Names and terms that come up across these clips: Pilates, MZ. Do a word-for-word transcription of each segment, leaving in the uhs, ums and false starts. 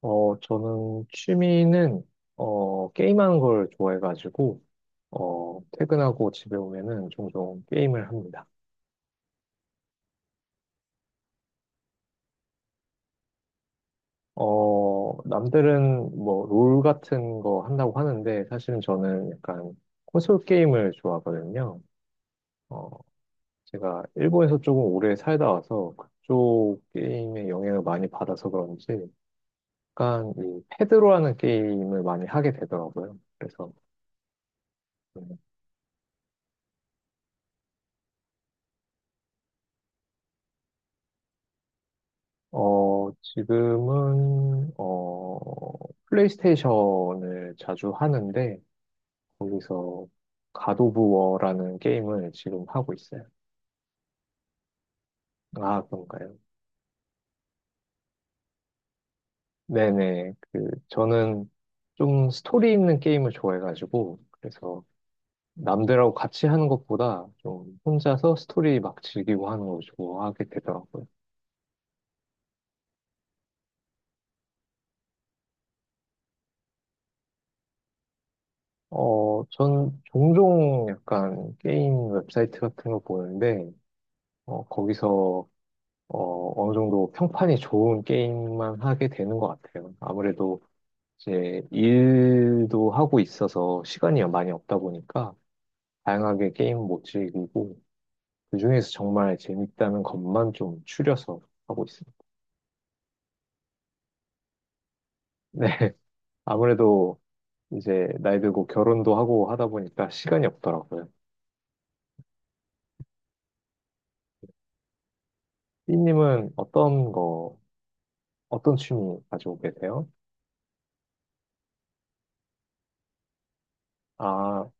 어, 저는 취미는, 어, 게임하는 걸 좋아해가지고, 어, 퇴근하고 집에 오면은 종종 게임을 합니다. 어, 남들은 뭐, 롤 같은 거 한다고 하는데, 사실은 저는 약간 콘솔 게임을 좋아하거든요. 어, 제가 일본에서 조금 오래 살다 와서 그쪽 게임에 영향을 많이 받아서 그런지, 약간 이 패드로 하는 게임을 많이 하게 되더라고요. 그래서, 음, 어, 지금은, 어, 플레이스테이션을 자주 하는데, 거기서 갓 오브 워라는 게임을 지금 하고 있어요. 아, 그런가요? 네네. 그, 저는 좀 스토리 있는 게임을 좋아해가지고, 그래서 남들하고 같이 하는 것보다 좀 혼자서 스토리 막 즐기고 하는 걸 좋아하게 되더라고요. 어, 전 종종 약간 게임 웹사이트 같은 거 보는데, 어, 거기서 어, 어느 정도 평판이 좋은 게임만 하게 되는 것 같아요. 아무래도 이제 일도 하고 있어서 시간이 많이 없다 보니까 다양하게 게임 못 즐기고 그중에서 정말 재밌다는 것만 좀 추려서 하고 있습니다. 네. 아무래도 이제 나이 들고 결혼도 하고 하다 보니까 시간이 없더라고요. 삐님은 어떤 거, 어떤 취미 가지고 계세요? 아,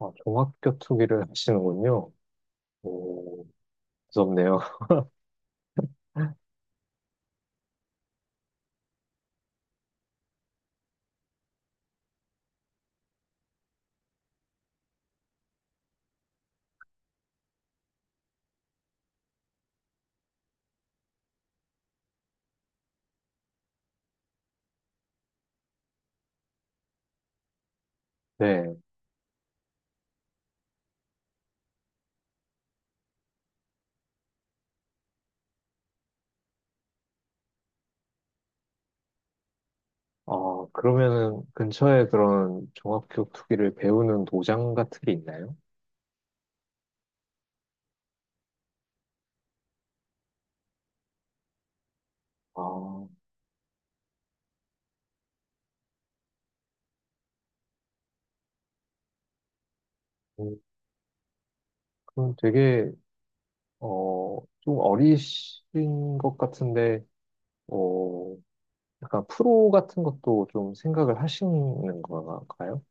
아, 종합격투기를 하시는군요. 오, 무섭네요. 네. 어, 그러면은 근처에 그런 종합기억 투기를 배우는 도장 같은 게 있나요? 아, 음, 그럼 되게, 어, 좀 어리신 것 같은데, 어, 약간 프로 같은 것도 좀 생각을 하시는 건가요?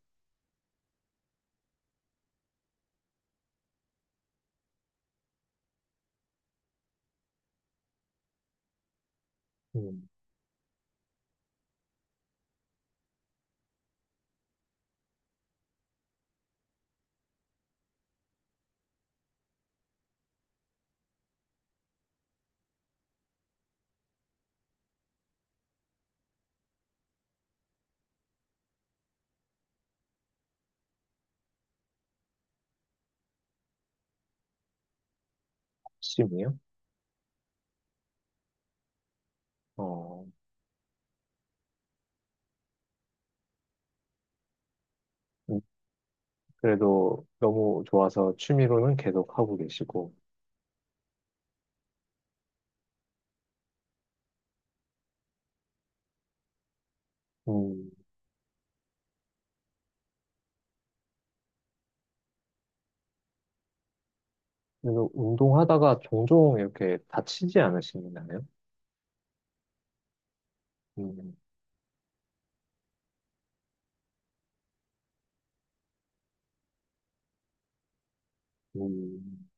음, 취미요? 어, 음, 그래도 너무 좋아서 취미로는 계속 하고 계시고, 음, 그래도 운동하다가 종종 이렇게 다치지 않으시나요? 음, 음.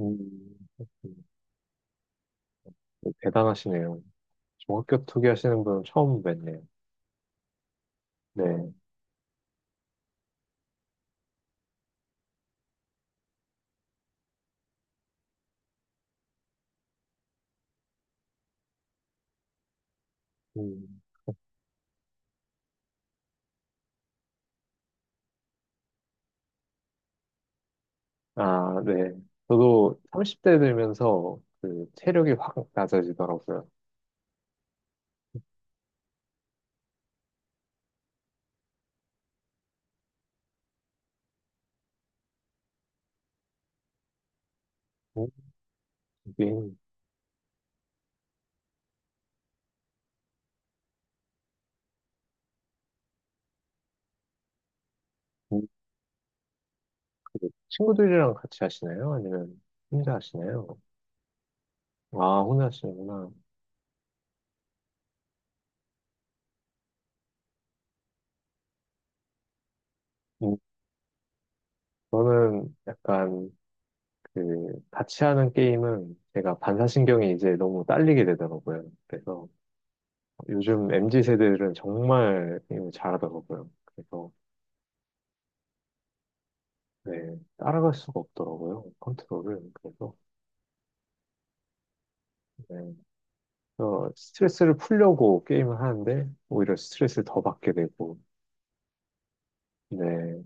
음, 그렇군요. 대단하시네요. 저 학교 투기 하시는 분은 처음 뵀네요. 네. 음, 아, 네. 저도 삼십 대 들면서 그 체력이 확 낮아지더라고요. 음, 이게, 음, 그 친구들이랑 같이 하시나요? 아니면 혼자 하시나요? 아, 혼자 하시는구나. 음, 저는 약간 그 같이 하는 게임은 제가 반사신경이 이제 너무 딸리게 되더라고요. 그래서 요즘 엠지 세대들은 정말 게임을 잘하더라고요. 그래서 네, 따라갈 수가 없더라고요, 컨트롤을. 그래서, 네. 그래서 스트레스를 풀려고 게임을 하는데, 오히려 스트레스를 더 받게 되고, 네,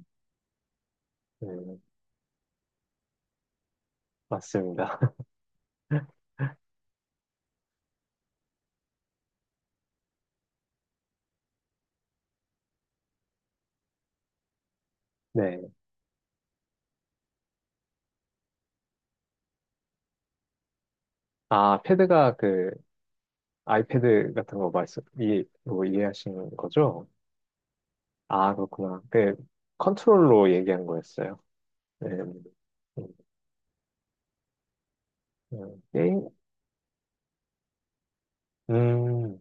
네, 맞습니다. 네. 아, 패드가 그, 아이패드 같은 거 말씀, 이해, 뭐 이해하시는 거죠? 아, 그렇구나. 그, 컨트롤로 얘기한 거였어요. 네. 음, 음, 게임? 음,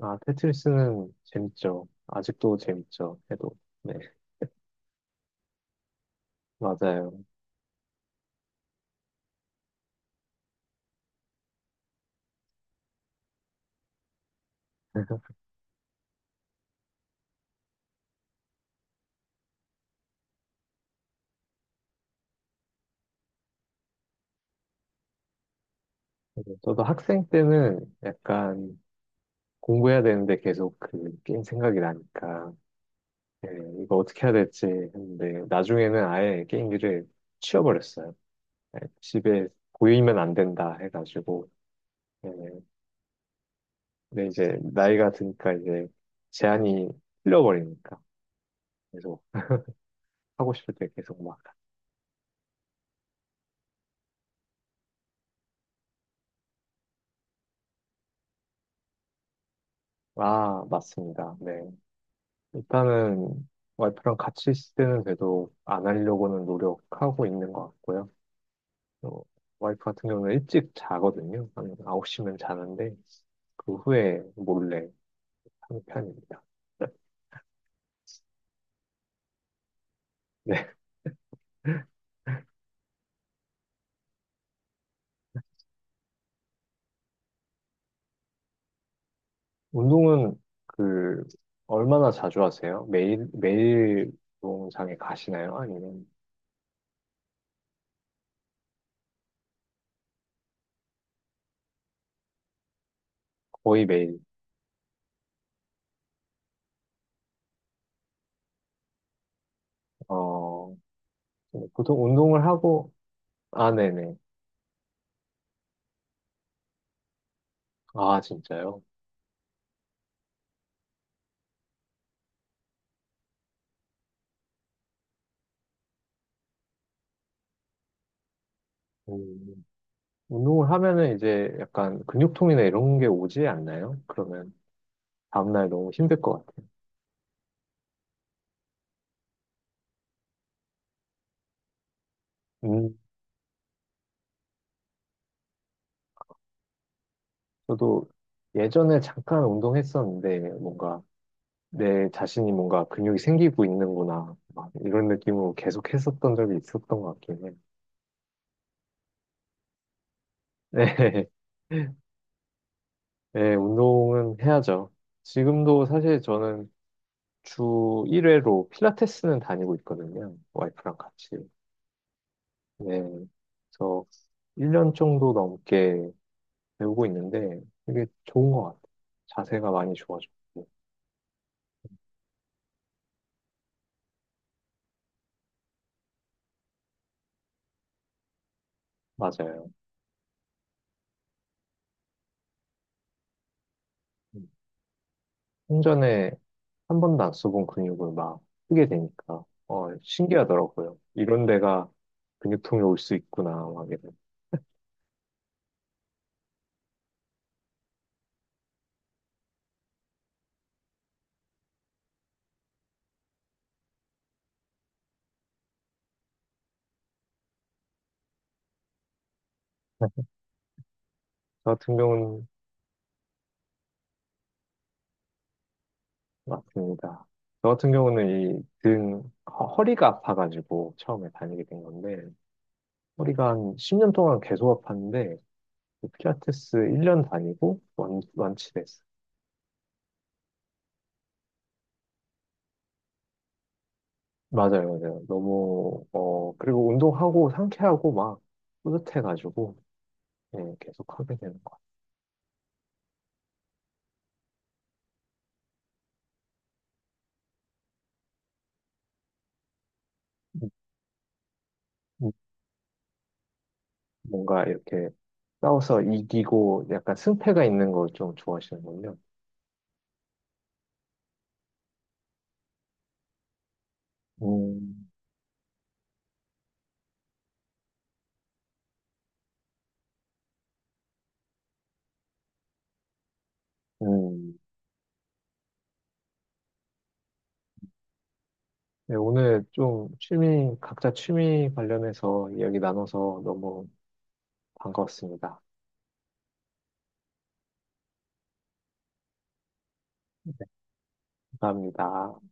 아, 테트리스는 재밌죠. 아직도 재밌죠. 해도. 네, 맞아요. 맞아요. 저도 학생 때는 약간 공부해야 되는데 계속 그 게임 생각이 나니까 예, 이거 어떻게 해야 될지 했는데 나중에는 아예 게임기를 치워버렸어요. 예, 집에 보이면 안 된다 해가지고 예, 근데 이제 나이가 드니까 이제 제한이 풀려버리니까 계속 하고 싶을 때 계속 막 아, 맞습니다. 네. 일단은 와이프랑 같이 있을 때는 그래도 안 하려고는 노력하고 있는 것 같고요. 어, 와이프 같은 경우는 일찍 자거든요. 한 아홉 시면 자는데 그 후에 몰래 하는 편입니다. 네. 운동은 그 얼마나 자주 하세요? 매일 매일 운동장에 가시나요? 아니면 거의 매일? 어 보통 운동을 하고 아, 네네. 아, 진짜요? 음, 운동을 하면은 이제 약간 근육통이나 이런 게 오지 않나요? 그러면 다음날 너무 힘들 것 같아요. 음, 저도 예전에 잠깐 운동했었는데 뭔가 내 자신이 뭔가 근육이 생기고 있는구나 막 이런 느낌으로 계속 했었던 적이 있었던 것 같긴 해요. 네, 네, 운동은 해야죠. 지금도 사실 저는 주 일 회로 필라테스는 다니고 있거든요. 와이프랑 같이. 네, 그래서 일 년 정도 넘게 배우고 있는데 되게 좋은 것 같아요. 자세가 많이 좋아졌고. 맞아요. 음. 생전에 한 번도 안 써본 근육을 막 쓰게 되니까 어 신기하더라고요. 이런 데가 근육통이 올 수 있구나 막 이런. 저 같은 경우는 맞습니다. 저 같은 경우는 이등 허리가 아파가지고 처음에 다니게 된 건데 허리가 한 십 년 동안 계속 아팠는데 그 필라테스 일 년 다니고 완, 완치됐어요. 맞아요, 맞아요. 너무 어 그리고 운동하고 상쾌하고 막 뿌듯해가지고 예, 계속 하게 되는 것 같아요. 음, 음, 뭔가 이렇게 싸워서 이기고 약간 승패가 있는 걸 좀 좋아하시는군요. 음, 음. 네, 오늘 좀 취미, 각자 취미 관련해서 이야기 나눠서 너무 반가웠습니다. 감사합니다.